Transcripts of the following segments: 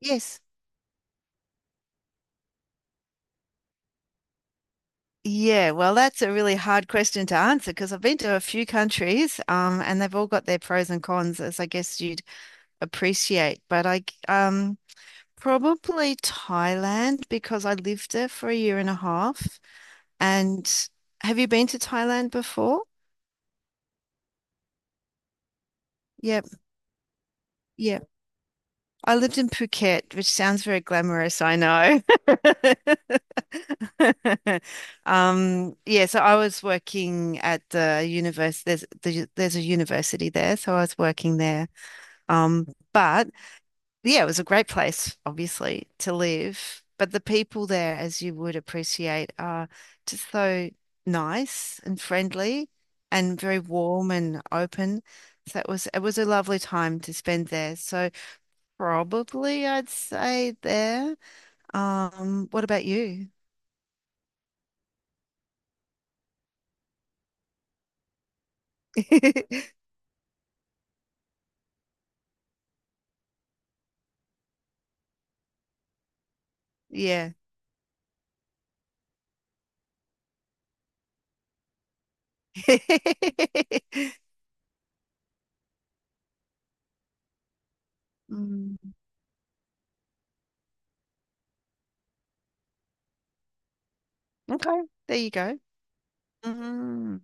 Yes. Yeah, well, that's a really hard question to answer because I've been to a few countries, and they've all got their pros and cons, as I guess you'd appreciate. Probably Thailand because I lived there for a year and a half. And have you been to Thailand before? Yep. Yeah. I lived in Phuket, which sounds very glamorous, I know. Yeah, so I was working at the university. There's a university there, so I was working there. Um, but yeah, it was a great place, obviously, to live. But the people there, as you would appreciate, are just so nice and friendly and very warm and open. So it was a lovely time to spend there. Probably, I'd say there. What about you? Yeah. Mm, okay, there you go. Mm,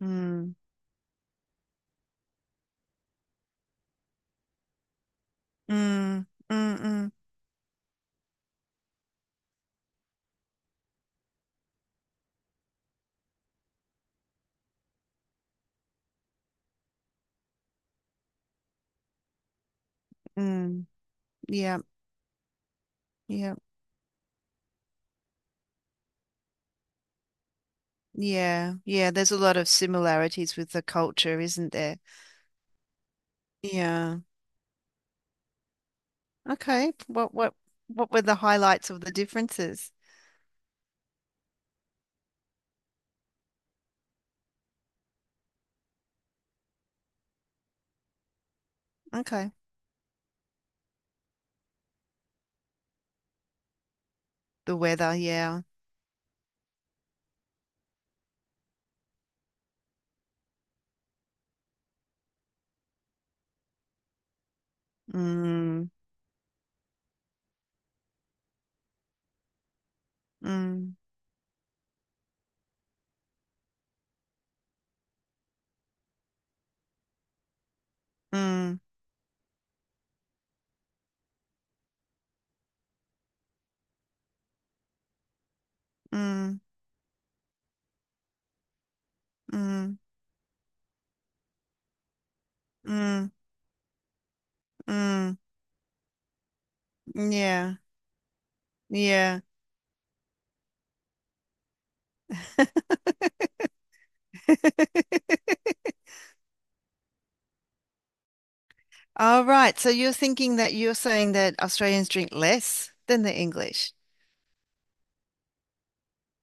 mm, mm, mm, mm, mm. Yeah, yeah, yeah, yeah. There's a lot of similarities with the culture, isn't there? Yeah. Okay. What were the highlights of the differences? Okay. The weather, yeah. Mm, mm, mm, mm, mm, mm. Mm, yeah, yeah. All right. So you're saying that Australians drink less than the English.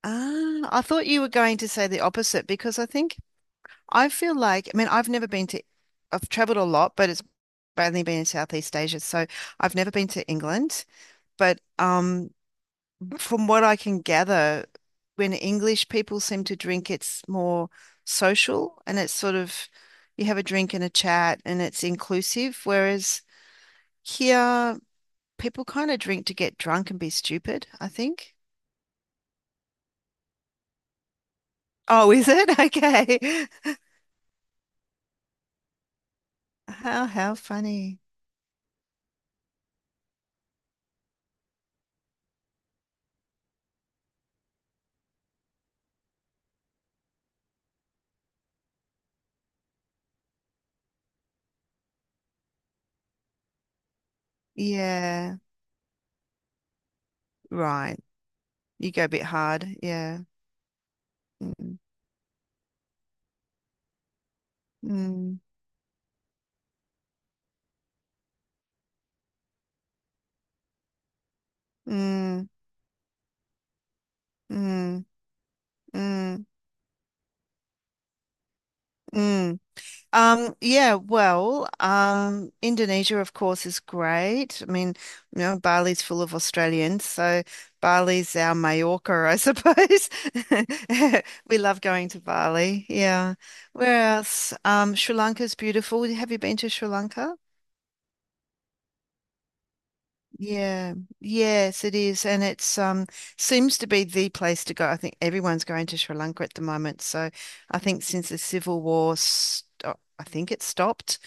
Ah, I thought you were going to say the opposite because I think I feel like, I mean, I've never been to, I've traveled a lot, but it's mainly been in Southeast Asia. So I've never been to England. But From what I can gather, when English people seem to drink, it's more social and it's sort of, you have a drink and a chat and it's inclusive. Whereas here, people kind of drink to get drunk and be stupid, I think. Oh, is it? Okay. How funny. Yeah, right. You go a bit hard. Yeah. Mm, mm, mm, mm, mm, mm. Indonesia, of course, is great. I mean, you know, Bali's full of Australians, so Bali's our Majorca, I suppose. We love going to Bali. Yeah. Where else? Sri Lanka's beautiful. Have you been to Sri Lanka? Yeah. Yes, it is. And it's seems to be the place to go. I think everyone's going to Sri Lanka at the moment. So I think since the civil war, I think it stopped.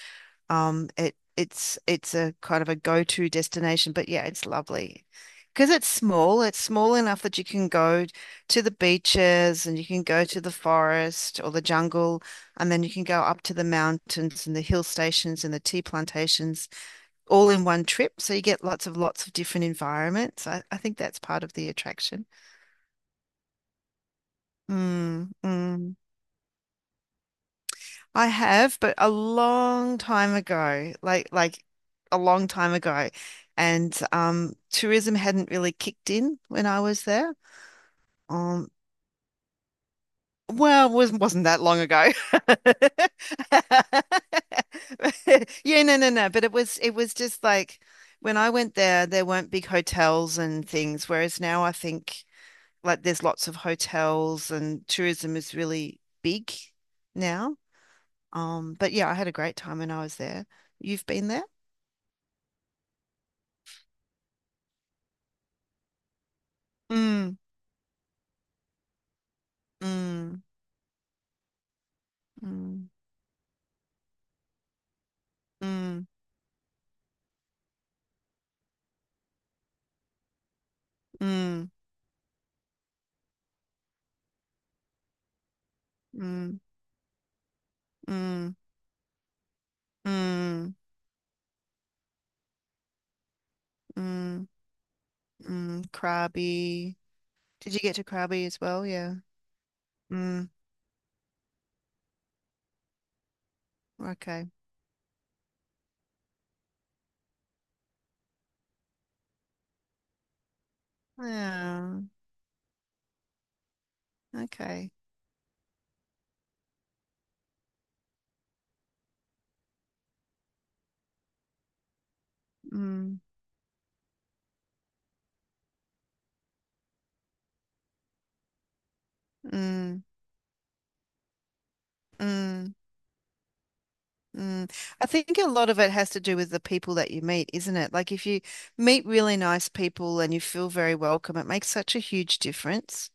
It's a kind of a go-to destination, but yeah, it's lovely. Because it's small enough that you can go to the beaches and you can go to the forest or the jungle, and then you can go up to the mountains and the hill stations and the tea plantations all in one trip. So you get lots of different environments. I think that's part of the attraction. Mm, mm. I have, but a long time ago, like a long time ago, and tourism hadn't really kicked in when I was there. Um, well, it wasn't that long ago. Yeah, no, no, no. But it was just like when I went there, there weren't big hotels and things, whereas now I think like there's lots of hotels and tourism is really big now. But yeah, I had a great time when I was there. You've been there? Mm, mm, mm, mm, mm, mm, mm, mm, mm, mm. Krabi. Did you get to Krabi as well? Yeah. Mm, okay. Yeah. Okay. Mm, mm, mm, mm. I think a lot of it has to do with the people that you meet, isn't it? Like if you meet really nice people and you feel very welcome, it makes such a huge difference.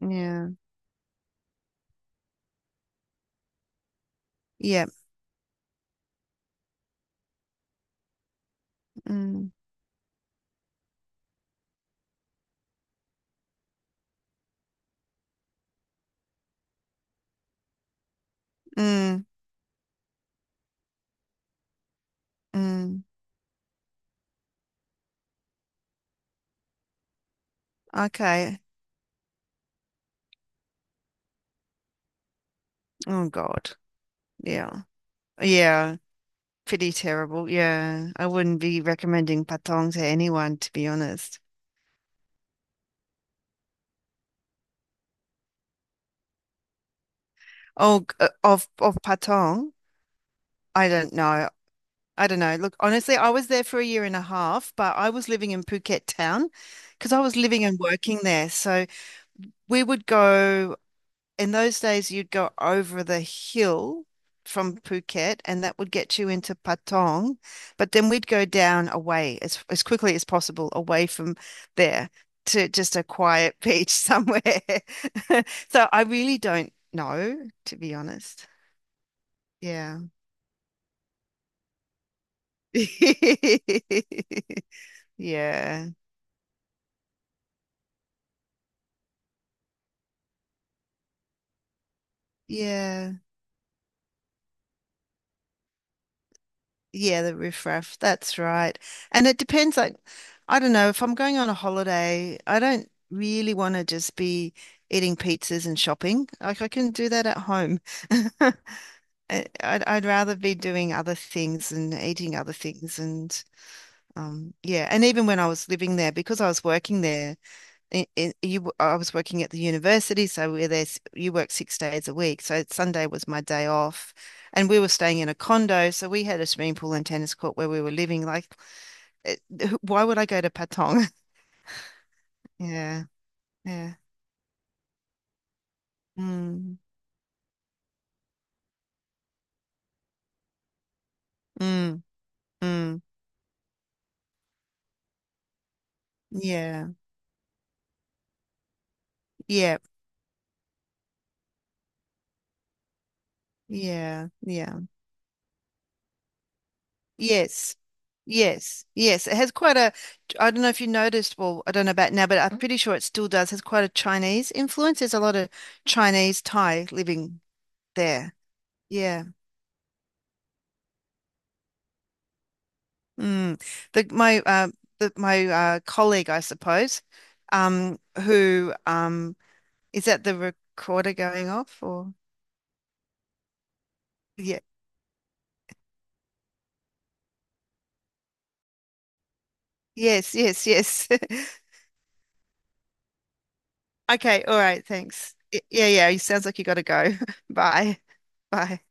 Yeah. Yeah. Mm. Mm, mm, okay. Oh God. Yeah. Yeah. Pretty terrible. Yeah. I wouldn't be recommending Patong to anyone, to be honest. Of Patong, I don't know. I don't know. Look, honestly, I was there for a year and a half, but I was living in Phuket town because I was living and working there. So we would go. In those days, you'd go over the hill from Phuket, and that would get you into Patong. But then we'd go down away as quickly as possible away from there to just a quiet beach somewhere. So I really don't know, to be honest. Yeah. Yeah. Yeah. Yeah, the riffraff. That's right. And it depends. Like, I don't know, if I'm going on a holiday, I don't really want to just be eating pizzas and shopping. Like, I can do that at home. I- I'd rather be doing other things and eating other things. And yeah. And even when I was living there, because I was working there, I was working at the university, so we're there, you work 6 days a week. So Sunday was my day off, and we were staying in a condo, so we had a swimming pool and tennis court where we were living. Like, it, why would I go to Patong? Yeah, yeah, mm, mm, mm, yeah, yeah, yeah, yeah, yes. Yes, yes, it has quite a. I don't know if you noticed. Well, I don't know about now, but I'm pretty sure it still does. Has quite a Chinese influence. There's a lot of Chinese Thai living there. Yeah. Mm. The my uh the my colleague, I suppose, who is that the recorder going off or yeah. Yes, yes, yes. Okay, all right, thanks. Yeah, yeah, it sounds like you gotta go. Bye. Bye.